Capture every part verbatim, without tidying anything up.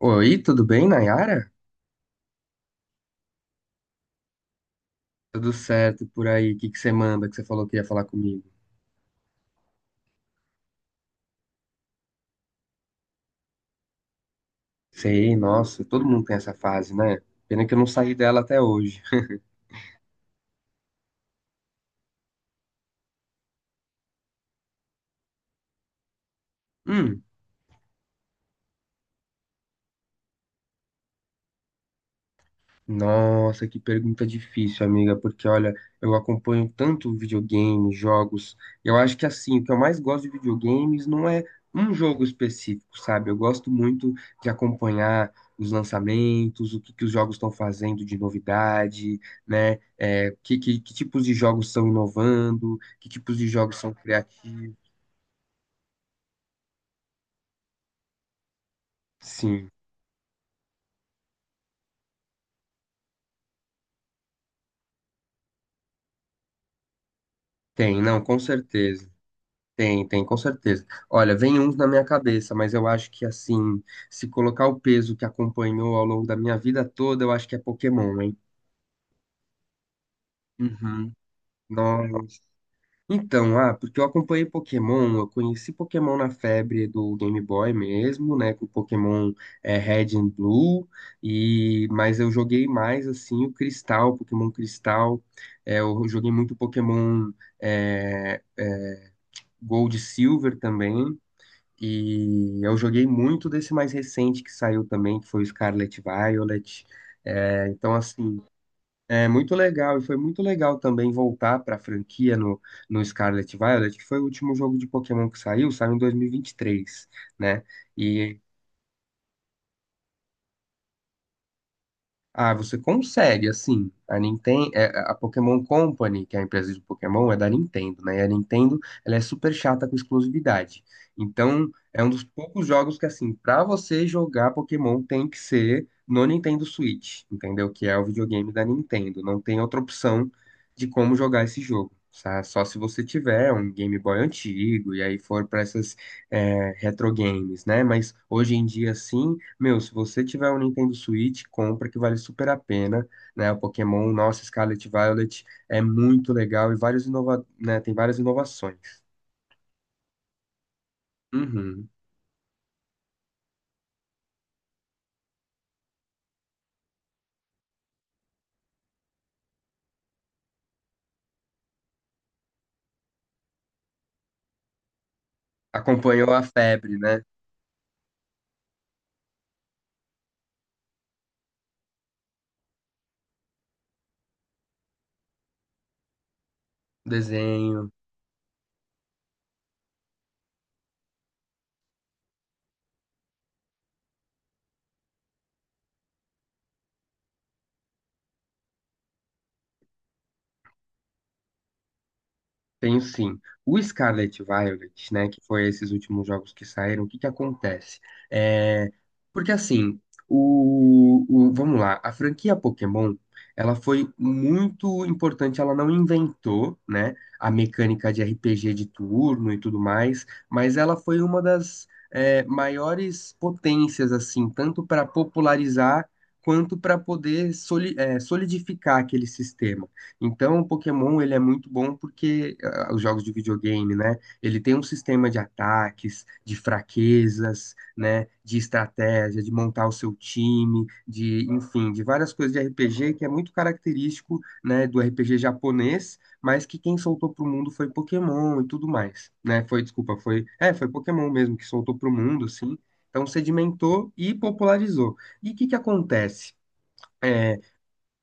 Oi, tudo bem, Nayara? Tudo certo por aí? O que que você manda que você falou que ia falar comigo? Sei, nossa, todo mundo tem essa fase, né? Pena que eu não saí dela até hoje. Nossa, que pergunta difícil, amiga, porque olha, eu acompanho tanto videogame, jogos. Eu acho que assim, o que eu mais gosto de videogames não é um jogo específico, sabe? Eu gosto muito de acompanhar os lançamentos, o que que os jogos estão fazendo de novidade, né? É, que, que, que tipos de jogos estão inovando, que tipos de jogos são criativos. Sim, tem, não, com certeza. Tem, tem, com certeza. Olha, vem uns na minha cabeça, mas eu acho que assim, se colocar o peso que acompanhou ao longo da minha vida toda, eu acho que é Pokémon, hein? Uhum. Nossa. Então, ah, porque eu acompanhei Pokémon, eu conheci Pokémon na febre do Game Boy mesmo, né, com Pokémon é, Red and Blue, e mas eu joguei mais assim o Cristal, Pokémon Cristal, é, eu joguei muito Pokémon é, é, Gold e Silver também. E eu joguei muito desse mais recente que saiu também, que foi o Scarlet Violet. É, então, assim, é muito legal. E foi muito legal também voltar para a franquia no, no Scarlet Violet, que foi o último jogo de Pokémon que saiu, saiu em dois mil e vinte e três, né? e Ah, você consegue, assim. A Nintendo, a Pokémon Company, que é a empresa de Pokémon, é da Nintendo, né? E a Nintendo, ela é super chata com exclusividade. Então, é um dos poucos jogos que, assim, pra você jogar Pokémon tem que ser no Nintendo Switch, entendeu? Que é o videogame da Nintendo. Não tem outra opção de como jogar esse jogo. sa- Só se você tiver um Game Boy antigo e aí for pra essas é, retro games, né? Mas hoje em dia, sim. Meu, se você tiver um Nintendo Switch, compra que vale super a pena, né? O Pokémon, nossa, Scarlet Violet é muito legal e vários inova... né? Tem várias inovações. Uhum. Acompanhou a febre, né? Desenho. Tenho sim. O Scarlet Violet, né, que foi esses últimos jogos que saíram, o que que acontece? É, porque assim, o, o- vamos lá, a franquia Pokémon, ela foi muito importante, ela não inventou, né, a mecânica de R P G de turno e tudo mais, mas ela foi uma das é, maiores potências, assim, tanto para popularizar quanto para poder soli- é, solidificar aquele sistema. Então, o Pokémon ele é muito bom porque ah, os jogos de videogame, né? Ele tem um sistema de ataques, de fraquezas, né? De estratégia, de montar o seu time, de, enfim, de várias coisas de R P G que é muito característico, né, do R P G japonês, mas que quem soltou pro mundo foi Pokémon e tudo mais, né? Foi, desculpa, foi, é, foi Pokémon mesmo que soltou pro mundo, sim. Então sedimentou e popularizou. E o que que acontece? É,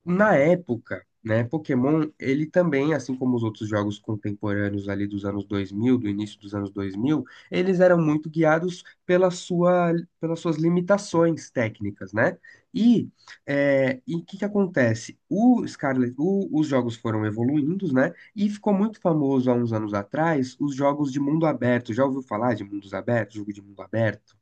na época, né, Pokémon, ele também, assim como os outros jogos contemporâneos ali dos anos dois mil, do início dos anos dois mil, eles eram muito guiados pela sua, pelas suas limitações técnicas, né? E é, e o que que acontece? O Scarlet, o- os jogos foram evoluindo, né? E ficou muito famoso há uns anos atrás os jogos de mundo aberto. Já ouviu falar de mundos abertos, jogo de mundo aberto?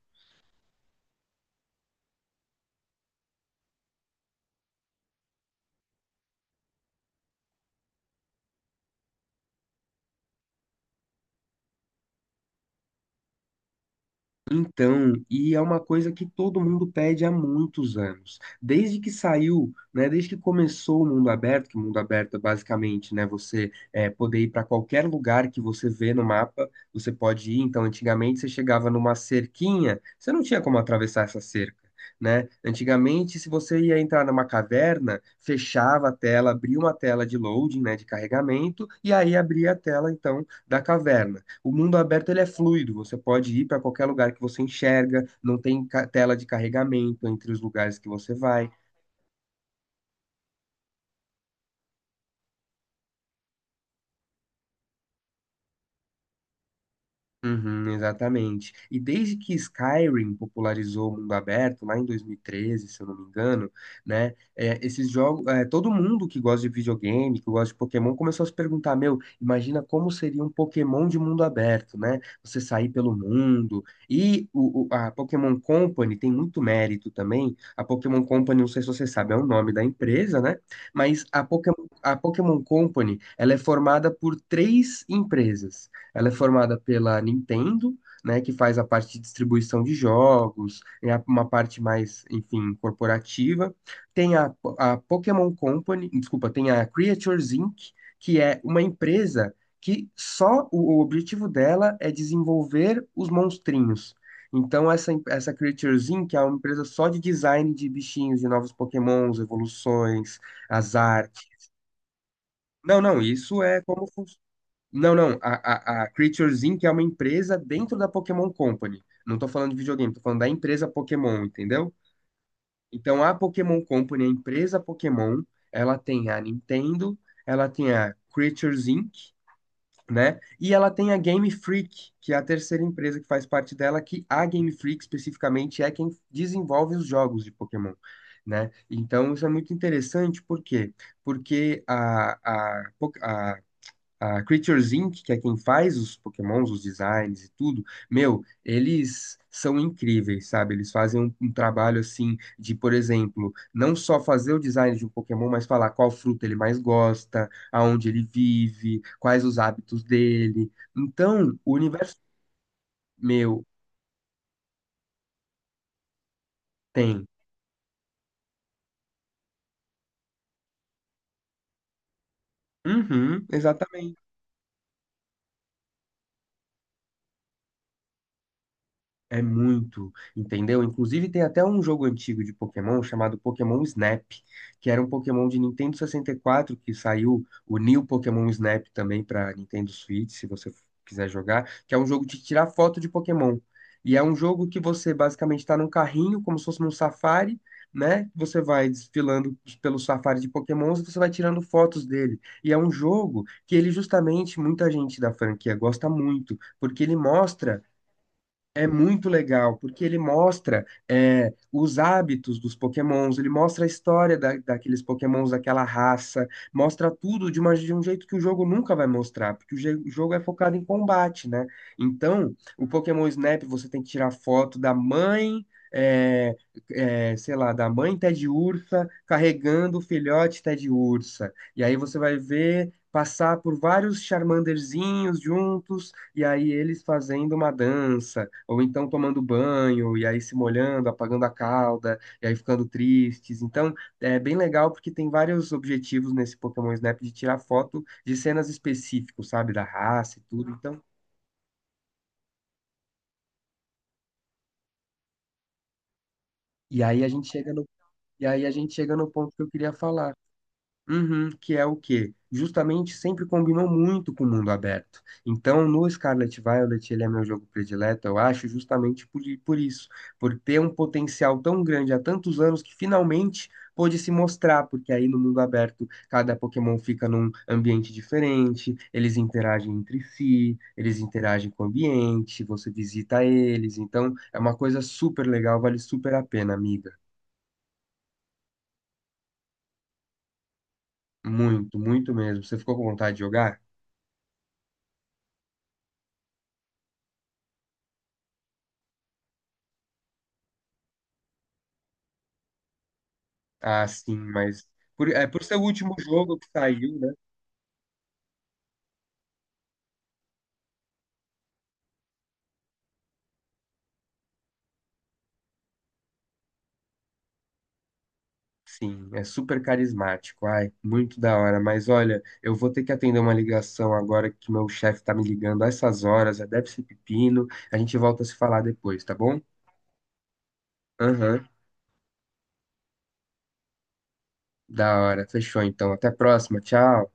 Então, e é uma coisa que todo mundo pede há muitos anos. Desde que saiu, né, desde que começou o mundo aberto, que o mundo aberto é basicamente, né, você é, poder ir para qualquer lugar que você vê no mapa, você pode ir. Então, antigamente você chegava numa cerquinha, você não tinha como atravessar essa cerca, né? Antigamente, se você ia entrar numa caverna, fechava a tela, abria uma tela de loading, né, de carregamento, e aí abria a tela, então, da caverna. O mundo aberto ele é fluido, você pode ir para qualquer lugar que você enxerga, não tem ca- tela de carregamento entre os lugares que você vai. Uhum, exatamente. E desde que Skyrim popularizou o mundo aberto, lá em dois mil e treze, se eu não me engano, né? é, esses jogos, é, todo mundo que gosta de videogame, que gosta de Pokémon, começou a se perguntar, meu, imagina como seria um Pokémon de mundo aberto, né? Você sair pelo mundo. E o, o- a Pokémon Company tem muito mérito também. A Pokémon Company, não sei se você sabe, é o nome da empresa, né? Mas a Pokémon, a Pokémon Company, ela é formada por três empresas. Ela é formada pela Nintendo, né, que faz a parte de distribuição de jogos, é a- uma parte mais, enfim, corporativa. Tem a, a Pokémon Company, desculpa, tem a Creatures Inc, que é uma empresa que só o, o objetivo dela é desenvolver os monstrinhos. Então, essa, em- essa Creatures Inc é uma empresa só de design de bichinhos, de novos Pokémons, evoluções, as artes. Não, não, isso é como funciona. Não, não. A, a, a Creatures Inc é uma empresa dentro da Pokémon Company. Não tô falando de videogame, tô falando da empresa Pokémon, entendeu? Então a Pokémon Company, a empresa Pokémon, ela tem a Nintendo, ela tem a Creatures Inc, né? E ela tem a Game Freak, que é a terceira empresa que faz parte dela, que a Game Freak especificamente é quem desenvolve os jogos de Pokémon. Né? Então isso é muito interessante, por quê? Porque a, a, Po- a a Creatures Inc, que é quem faz os Pokémons, os designs e tudo, meu, eles são incríveis, sabe? Eles fazem um, um trabalho assim de, por exemplo, não só fazer o design de um Pokémon, mas falar qual fruta ele mais gosta, aonde ele vive, quais os hábitos dele. Então, o universo meu tem. Uhum, exatamente. É muito, entendeu? Inclusive tem até um jogo antigo de Pokémon chamado Pokémon Snap, que era um Pokémon de Nintendo sessenta e quatro que saiu, o New Pokémon Snap também para Nintendo Switch, se você quiser jogar, que é um jogo de tirar foto de Pokémon. E é um jogo que você basicamente está num carrinho, como se fosse num safari, né? Você vai desfilando pelo safari de Pokémons e você vai tirando fotos dele. E é um jogo que ele justamente, muita gente da franquia gosta muito, porque ele mostra é muito legal, porque ele mostra é, os hábitos dos Pokémons, ele mostra a história da, daqueles Pokémons, daquela raça, mostra tudo de, uma- de um jeito que o jogo nunca vai mostrar, porque o, je- o jogo é focado em combate, né? Então, o Pokémon Snap, você tem que tirar foto da mãe, é, é, sei lá, da mãe Ted Ursa carregando o filhote Ted Ursa. E aí você vai ver passar por vários Charmanderzinhos juntos e aí eles fazendo uma dança, ou então tomando banho, e aí se molhando, apagando a cauda, e aí ficando tristes. Então, é bem legal porque tem vários objetivos nesse Pokémon Snap de tirar foto de cenas específicas, sabe, da raça e tudo. Então, e aí a gente chega no, e aí a gente chega no ponto que eu queria falar. Uhum, que é o quê? Justamente sempre combinou muito com o mundo aberto. Então, no Scarlet Violet, ele é meu jogo predileto, eu acho, justamente por, por isso, por ter um potencial tão grande há tantos anos que finalmente pôde se mostrar, porque aí no mundo aberto, cada Pokémon fica num ambiente diferente, eles interagem entre si, eles interagem com o ambiente, você visita eles, então é uma coisa super legal, vale super a pena, amiga. Muito, muito mesmo. Você ficou com vontade de jogar? Ah, sim, mas por, é, por ser o último jogo que saiu, né? Sim, é super carismático. Ai, muito da hora. Mas olha, eu vou ter que atender uma ligação agora que meu chefe tá me ligando a essas horas. Já deve ser pepino. A gente volta a se falar depois, tá bom? Aham, da hora. Fechou então. Até a próxima. Tchau.